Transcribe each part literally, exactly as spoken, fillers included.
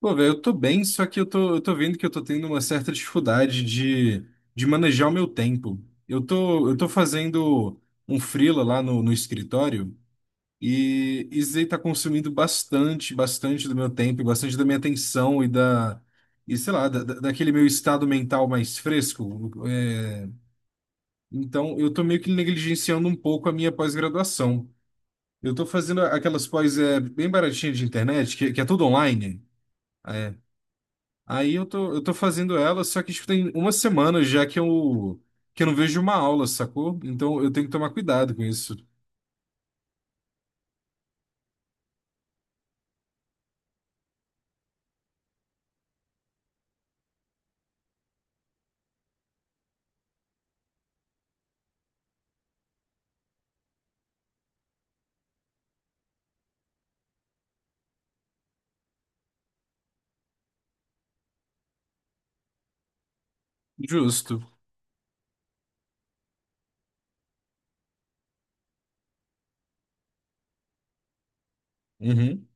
Pô, velho, eu tô bem, só que eu tô, eu tô vendo que eu tô tendo uma certa dificuldade de, de manejar o meu tempo. Eu tô, eu tô fazendo um freela lá no, no escritório, e isso aí tá consumindo bastante, bastante do meu tempo, e bastante da minha atenção e da, e sei lá, da, da- daquele meu estado mental mais fresco. É, então, eu tô meio que negligenciando um pouco a minha pós-graduação. Eu tô fazendo aquelas pós, é, bem baratinhas de internet, que, que é tudo online. É, aí eu tô, eu tô fazendo ela, só que tipo, tem uma semana já que eu, que eu não vejo uma aula, sacou? Então eu tenho que tomar cuidado com isso. Justo. Uhum.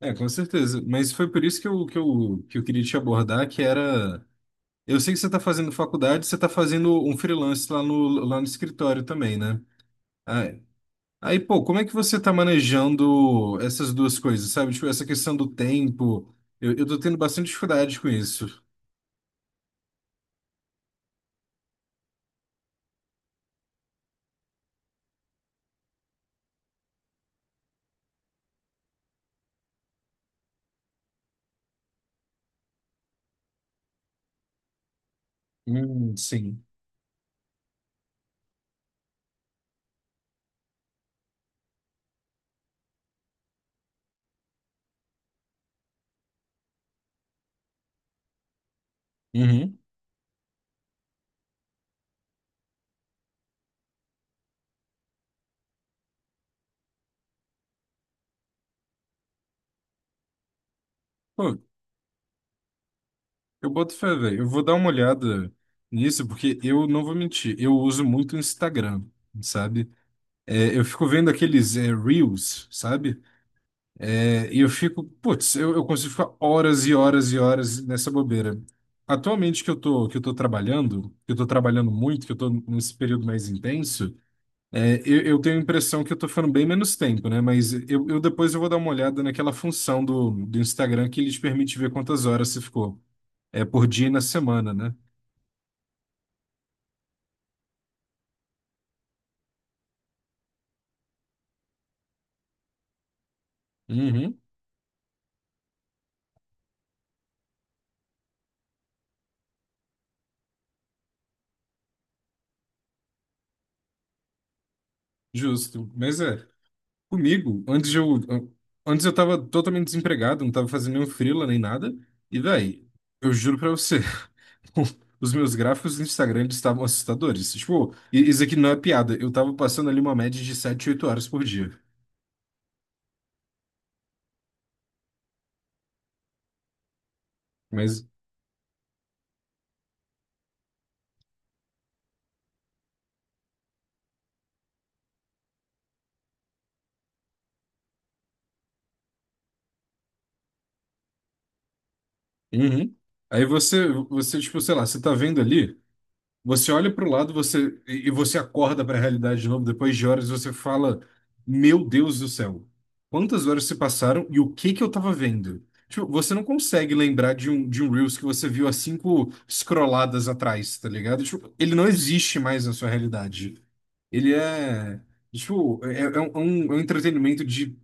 É, com certeza. Mas foi por isso que eu, que eu, que eu queria te abordar, que era. Eu sei que você está fazendo faculdade, você está fazendo um freelance lá no, lá no escritório também, né? Aí, aí, pô, como é que você está manejando essas duas coisas, sabe? Tipo, essa questão do tempo. Eu, eu tô tendo bastante dificuldade com isso. Hum, sim. Uhum. Pô, eu boto fé, velho. Eu vou dar uma olhada nisso, porque eu não vou mentir, eu uso muito o Instagram, sabe? É, eu fico vendo aqueles, é, Reels, sabe? É, e eu fico, putz, eu, eu consigo ficar horas e horas e horas nessa bobeira. Atualmente que eu tô, que eu tô trabalhando, que eu tô trabalhando muito, que eu tô nesse período mais intenso, é, eu, eu tenho a impressão que eu tô ficando bem menos tempo, né? Mas eu, eu depois eu vou dar uma olhada naquela função do, do Instagram que ele te permite ver quantas horas você ficou. É por dia e na semana, né? Uhum, justo. Mas é, comigo, antes eu, antes eu tava totalmente desempregado, não tava fazendo nenhum freela nem nada. E, véi, eu juro pra você, os meus gráficos no Instagram eles estavam assustadores. Tipo, i- isso aqui não é piada. Eu tava passando ali uma média de sete oito horas por dia. Mas, uhum. Aí você, você, tipo, sei lá, você tá vendo ali. Você olha para o lado, você e e você acorda para a realidade de novo depois de horas, e você fala: "Meu Deus do céu. Quantas horas se passaram e o que que eu tava vendo?" Tipo, você não consegue lembrar de um de um Reels que você viu há cinco scrolladas atrás, tá ligado? Tipo, ele não existe mais na sua realidade. Ele é tipo, é, é um, é um entretenimento de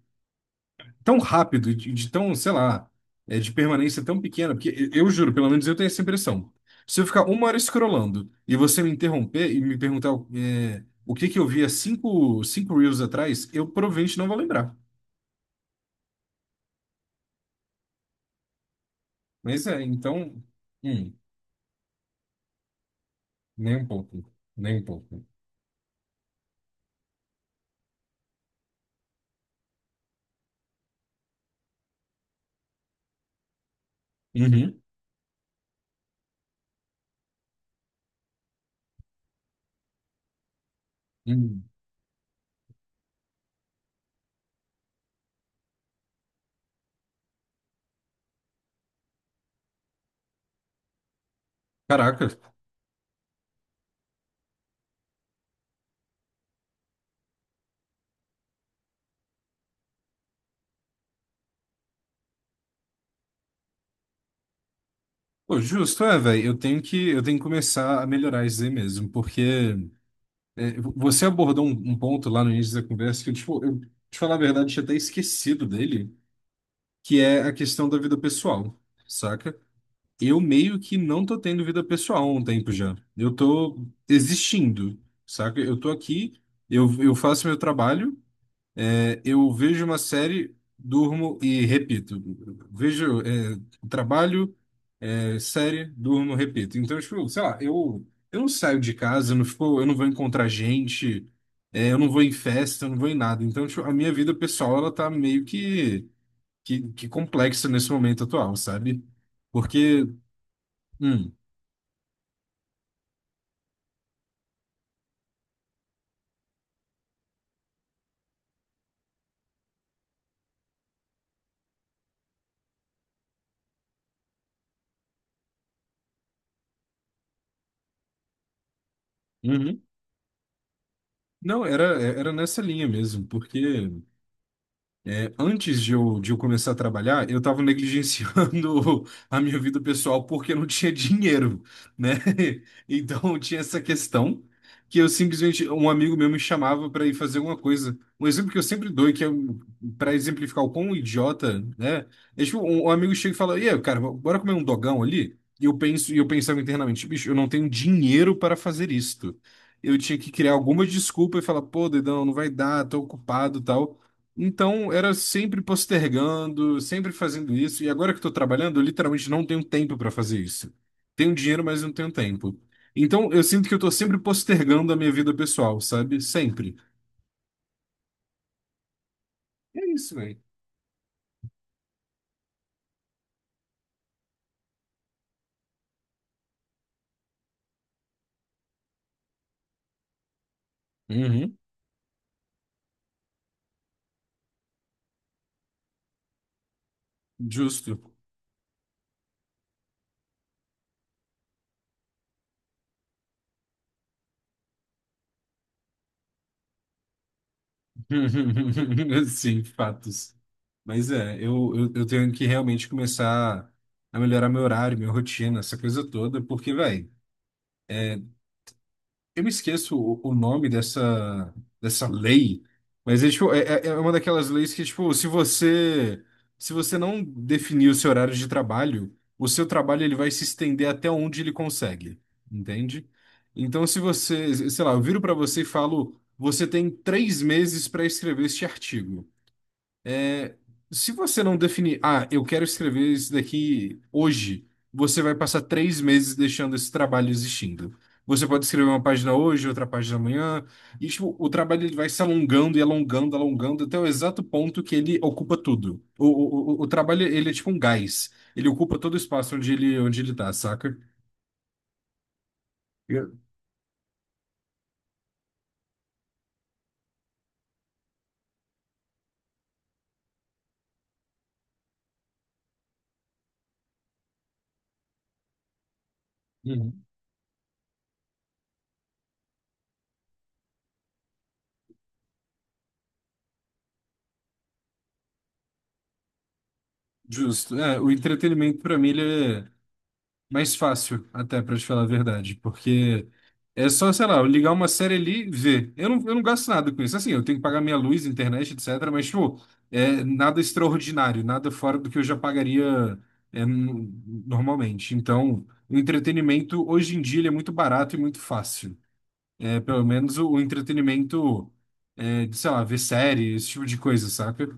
tão rápido, e de, de tão, sei lá, é, de permanência tão pequena, porque eu juro, pelo menos eu tenho essa impressão. Se eu ficar uma hora scrollando e você me interromper e me perguntar, é, o que que eu vi há cinco, cinco reels atrás, eu provavelmente não vou lembrar. Mas é, então, hum, nem um pouco, nem um pouco. Uhum, uhum. Caraca. Pô, justo, é, velho, eu tenho que, eu tenho que começar a melhorar isso aí mesmo, porque é, você abordou um, um ponto lá no início da conversa que eu, tipo, eu, te falar a verdade, tinha até esquecido dele, que é a questão da vida pessoal, saca? Eu meio que não tô tendo vida pessoal há um tempo já. Eu tô existindo, saca? Eu tô aqui, eu, eu faço meu trabalho, é, eu vejo uma série, durmo e repito. Vejo, é, trabalho, é, série, durmo, repito. Então, tipo, sei lá, eu, eu não saio de casa, eu não fico, eu não vou encontrar gente, é, eu não vou em festa, eu não vou em nada. Então, tipo, a minha vida pessoal, ela tá meio que, que, que complexa nesse momento atual, sabe? Porque, hum, uhum. Não, era, é, era nessa linha mesmo, porque é, antes de eu, de eu começar a trabalhar, eu estava negligenciando a minha vida pessoal porque não tinha dinheiro, né? Então tinha essa questão que eu simplesmente, um amigo meu me chamava para ir fazer alguma coisa. Um exemplo que eu sempre dou, e que é para exemplificar o quão idiota, né? É tipo, um, um amigo chega e fala: "E aí, cara, bora comer um dogão ali?" E eu penso, e eu pensava internamente, bicho, eu não tenho dinheiro para fazer isto. Eu tinha que criar alguma desculpa e falar, pô, dedão, não vai dar, tô ocupado, e tal. Então, era sempre postergando, sempre fazendo isso. E agora que estou trabalhando, eu literalmente não tenho tempo para fazer isso. Tenho dinheiro, mas não tenho tempo. Então, eu sinto que eu estou sempre postergando a minha vida pessoal, sabe? Sempre. É isso, velho. Uhum. Justo. Sim, fatos. Mas é, eu, eu, eu tenho que realmente começar a melhorar meu horário, minha rotina, essa coisa toda, porque, velho. Eu me esqueço o, o nome dessa, dessa lei, mas é, tipo, é, é é uma daquelas leis que, tipo, se você, se você não definir o seu horário de trabalho, o seu trabalho ele vai se estender até onde ele consegue, entende? Então, se você, sei lá, eu viro para você e falo, você tem três meses para escrever este artigo. É, se você não definir, ah, eu quero escrever isso daqui hoje, você vai passar três meses deixando esse trabalho existindo. Você pode escrever uma página hoje, outra página amanhã, e tipo, o trabalho ele vai se alongando e alongando, alongando, até o exato ponto que ele ocupa tudo. O, o, o, o trabalho, ele é tipo um gás. Ele ocupa todo o espaço onde ele, onde ele tá, saca? Eu- Uhum. Justo. É, o entretenimento, pra mim, ele é mais fácil, até, pra te falar a verdade, porque é só, sei lá, eu ligar uma série ali e ver. Eu não, eu não gasto nada com isso. Assim, eu tenho que pagar minha luz, internet, etcétera. Mas, tipo, é nada extraordinário, nada fora do que eu já pagaria, é, n- normalmente. Então, o entretenimento, hoje em dia, ele é muito barato e muito fácil. É, pelo menos o, o entretenimento, é, de, sei lá, ver série, esse tipo de coisa, saca?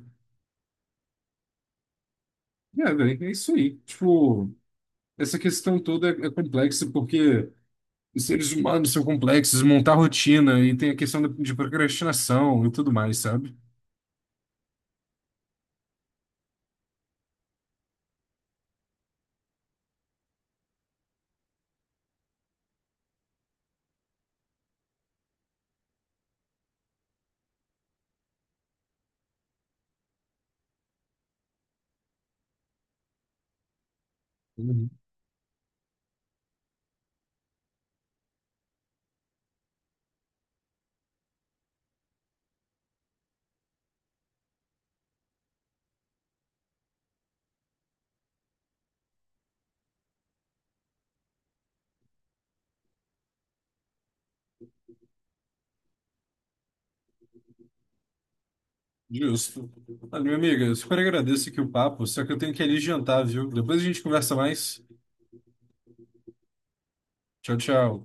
É, velho, é isso aí. Tipo, essa questão toda é, é complexa porque os seres humanos são complexos, montar rotina e tem a questão da- de procrastinação e tudo mais, sabe? Uhum. Justo. Olha, minha amiga, eu super agradeço aqui o papo, só que eu tenho que ir ali jantar, viu? Depois a gente conversa mais. Tchau, tchau.